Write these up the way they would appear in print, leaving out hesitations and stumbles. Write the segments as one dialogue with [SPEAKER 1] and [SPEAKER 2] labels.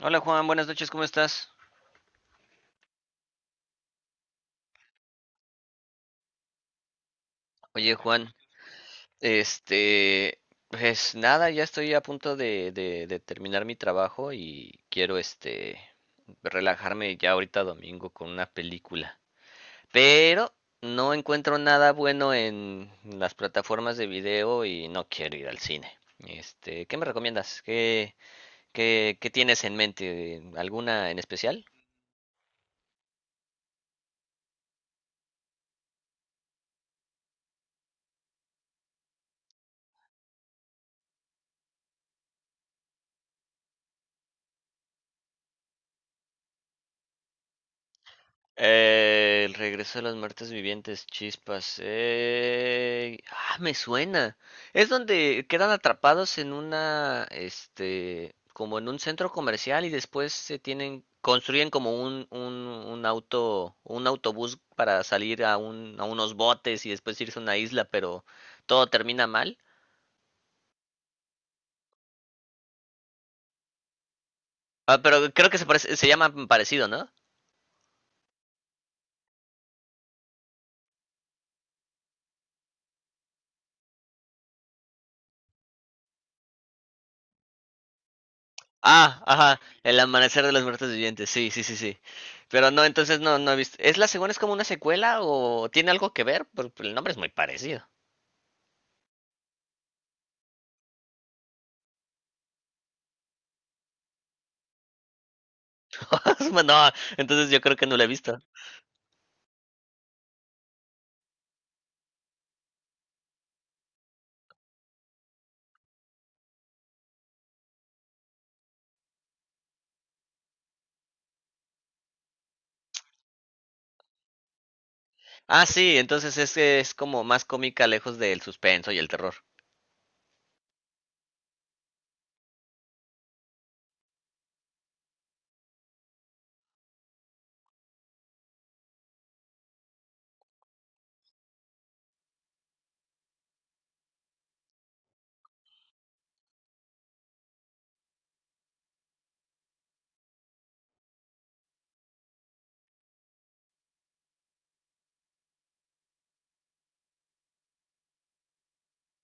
[SPEAKER 1] Hola Juan, buenas noches, ¿cómo estás? Oye Juan, este, pues nada, ya estoy a punto de terminar mi trabajo y quiero relajarme ya ahorita domingo con una película. Pero no encuentro nada bueno en las plataformas de video y no quiero ir al cine. ¿Qué me recomiendas? ¿Qué tienes en mente? ¿Alguna en especial? El regreso de los muertos vivientes, chispas. Ah, me suena. Es donde quedan atrapados en como en un centro comercial y después se tienen, construyen como un auto, un autobús para salir a unos botes y después irse a una isla, pero todo termina mal. Ah, pero creo que se parece, se llama parecido, ¿no? Ah, ajá, El amanecer de los muertos vivientes, sí, sí, sí, sí. Pero no, entonces no, no he visto. ¿Es la segunda, es como una secuela o tiene algo que ver? Porque el nombre es muy parecido. Bueno, no, entonces yo creo que no la he visto. Ah, sí, entonces es como más cómica, lejos del suspenso y el terror.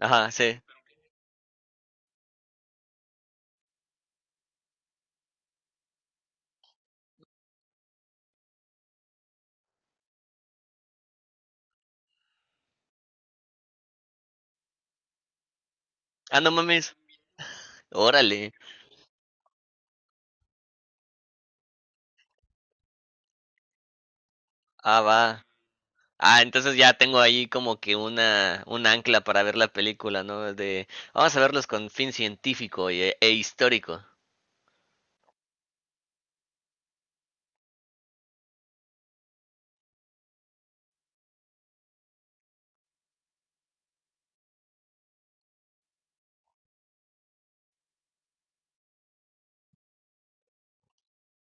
[SPEAKER 1] Ajá, sí. Ah, no mames. Órale. Ah, va. Ah, entonces ya tengo ahí como que un ancla para ver la película, ¿no? Vamos a verlos con fin científico e histórico.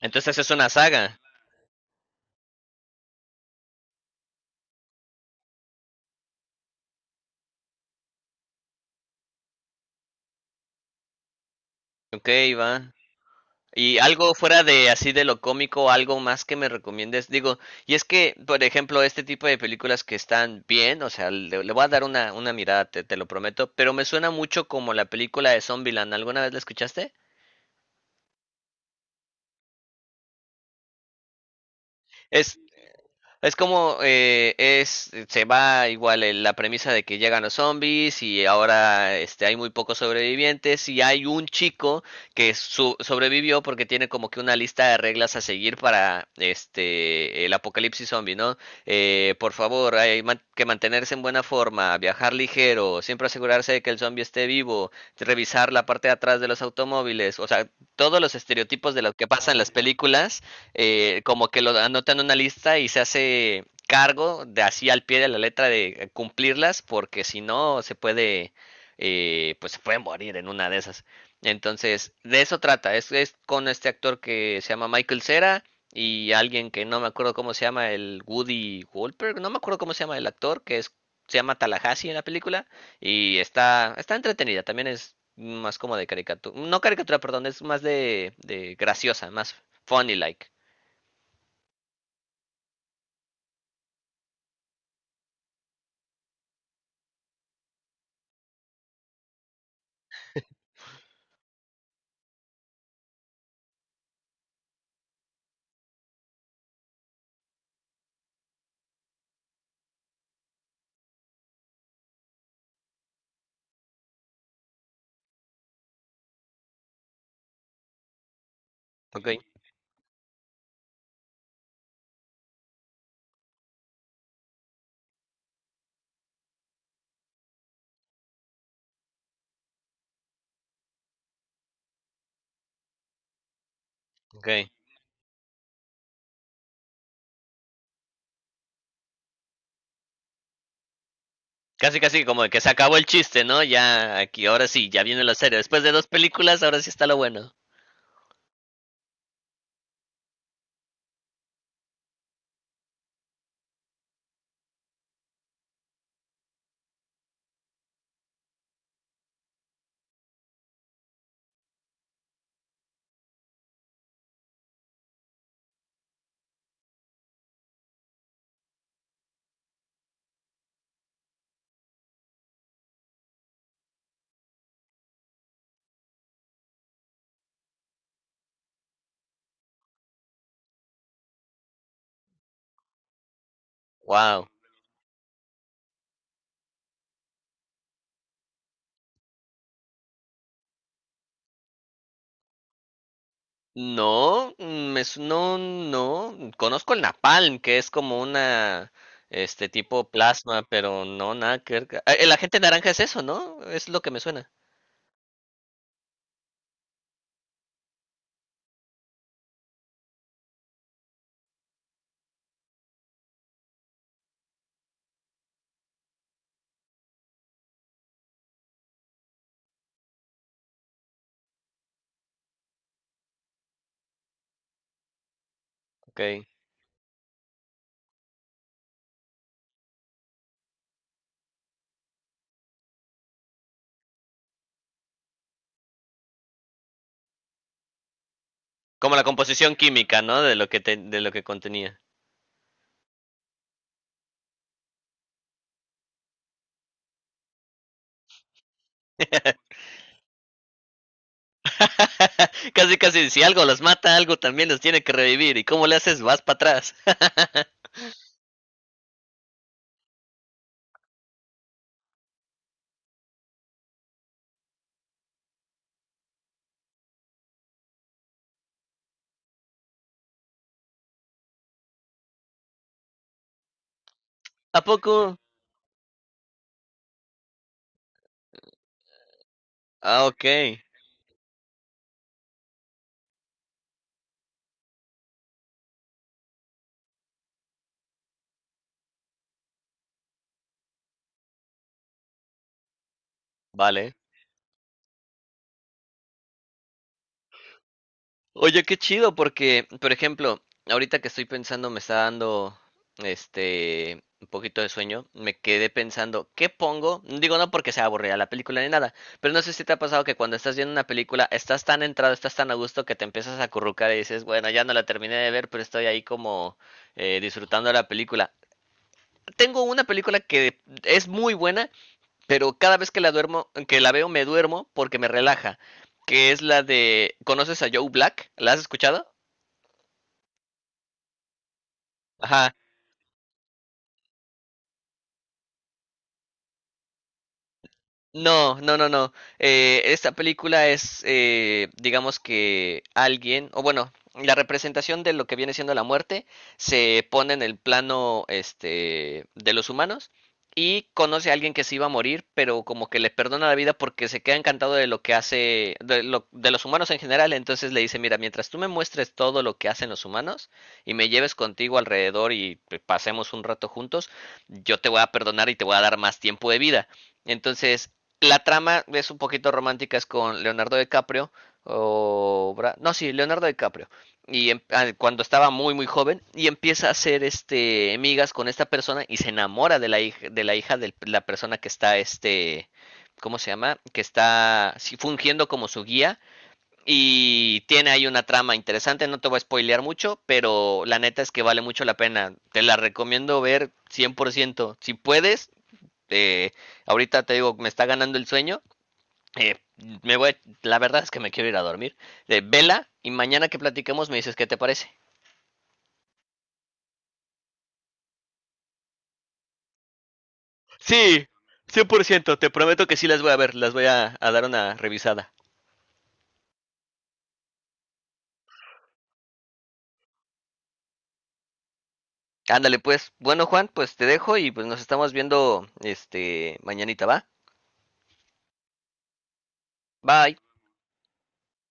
[SPEAKER 1] Entonces es una saga. Ok, va. Y algo fuera de así de lo cómico, algo más que me recomiendes. Digo, y es que, por ejemplo, este tipo de películas que están bien, o sea, le voy a dar una mirada, te lo prometo, pero me suena mucho como la película de Zombieland. ¿Alguna vez la escuchaste? Es Es como, se va igual la premisa de que llegan los zombies y ahora hay muy pocos sobrevivientes y hay un chico que sobrevivió porque tiene como que una lista de reglas a seguir para el apocalipsis zombie, ¿no? Por favor, hay que mantenerse en buena forma, viajar ligero, siempre asegurarse de que el zombie esté vivo, revisar la parte de atrás de los automóviles, o sea, todos los estereotipos de lo que pasa en las películas como que lo anota en una lista y se hace cargo de así al pie de la letra de cumplirlas, porque si no se puede, pues se puede morir en una de esas. Entonces, de eso trata, es con este actor que se llama Michael Cera y alguien que no me acuerdo cómo se llama, el Woody Wolper, no me acuerdo cómo se llama el actor, que es, se llama Tallahassee en la película, y está entretenida, también es más como de caricatura, no caricatura, perdón, es más de graciosa, más funny like. Ok, ok. Casi, casi como de que se acabó el chiste, ¿no? Ya aquí, ahora sí, ya viene lo serio. Después de dos películas, ahora sí está lo bueno. Wow. No, me es no, no. Conozco el napalm, que es como este tipo plasma, pero no, nada que ver. Ah, el agente naranja es eso, ¿no? Es lo que me suena. Ok. Como la composición química, ¿no? De lo que de lo que contenía. Casi, casi, si algo los mata, algo también los tiene que revivir. ¿Y cómo le haces? Vas para atrás. ¿A poco? Ah, ok, vale. Oye, qué chido, porque, por ejemplo, ahorita que estoy pensando, me está dando, un poquito de sueño, me quedé pensando, ¿qué pongo? Digo, no porque sea aburrida la película ni nada, pero no sé si te ha pasado que cuando estás viendo una película, estás tan entrado, estás tan a gusto que te empiezas a acurrucar y dices, bueno, ya no la terminé de ver, pero estoy ahí como disfrutando la película. Tengo una película que es muy buena, pero cada vez que la duermo, que la veo, me duermo porque me relaja. Que es la de. ¿Conoces a Joe Black? ¿La has escuchado? Ajá. No, no, no, no. Esta película es, digamos que alguien, o bueno, la representación de lo que viene siendo la muerte se pone en el plano, de los humanos y conoce a alguien que se iba a morir, pero como que le perdona la vida porque se queda encantado de lo que hace, de los humanos en general. Entonces le dice, mira, mientras tú me muestres todo lo que hacen los humanos y me lleves contigo alrededor y pues, pasemos un rato juntos, yo te voy a perdonar y te voy a dar más tiempo de vida. Entonces, la trama es un poquito romántica, es con Leonardo DiCaprio. O Bra- no, sí, Leonardo DiCaprio. Y cuando estaba muy joven, y empieza a hacer este amigas con esta persona y se enamora de la hija, de la hija de la persona que está ¿cómo se llama? Que está sí, fungiendo como su guía. Y tiene ahí una trama interesante, no te voy a spoilear mucho, pero la neta es que vale mucho la pena. Te la recomiendo ver 100%. Si puedes, eh, ahorita te digo, me está ganando el sueño, eh, me voy, la verdad es que me quiero ir a dormir. Vela y mañana que platiquemos me dices qué te parece. Sí, 100% te prometo que sí las voy a ver, las voy a dar una revisada. Ándale pues. Bueno, Juan, pues te dejo y pues nos estamos viendo este mañanita, ¿va? Bye.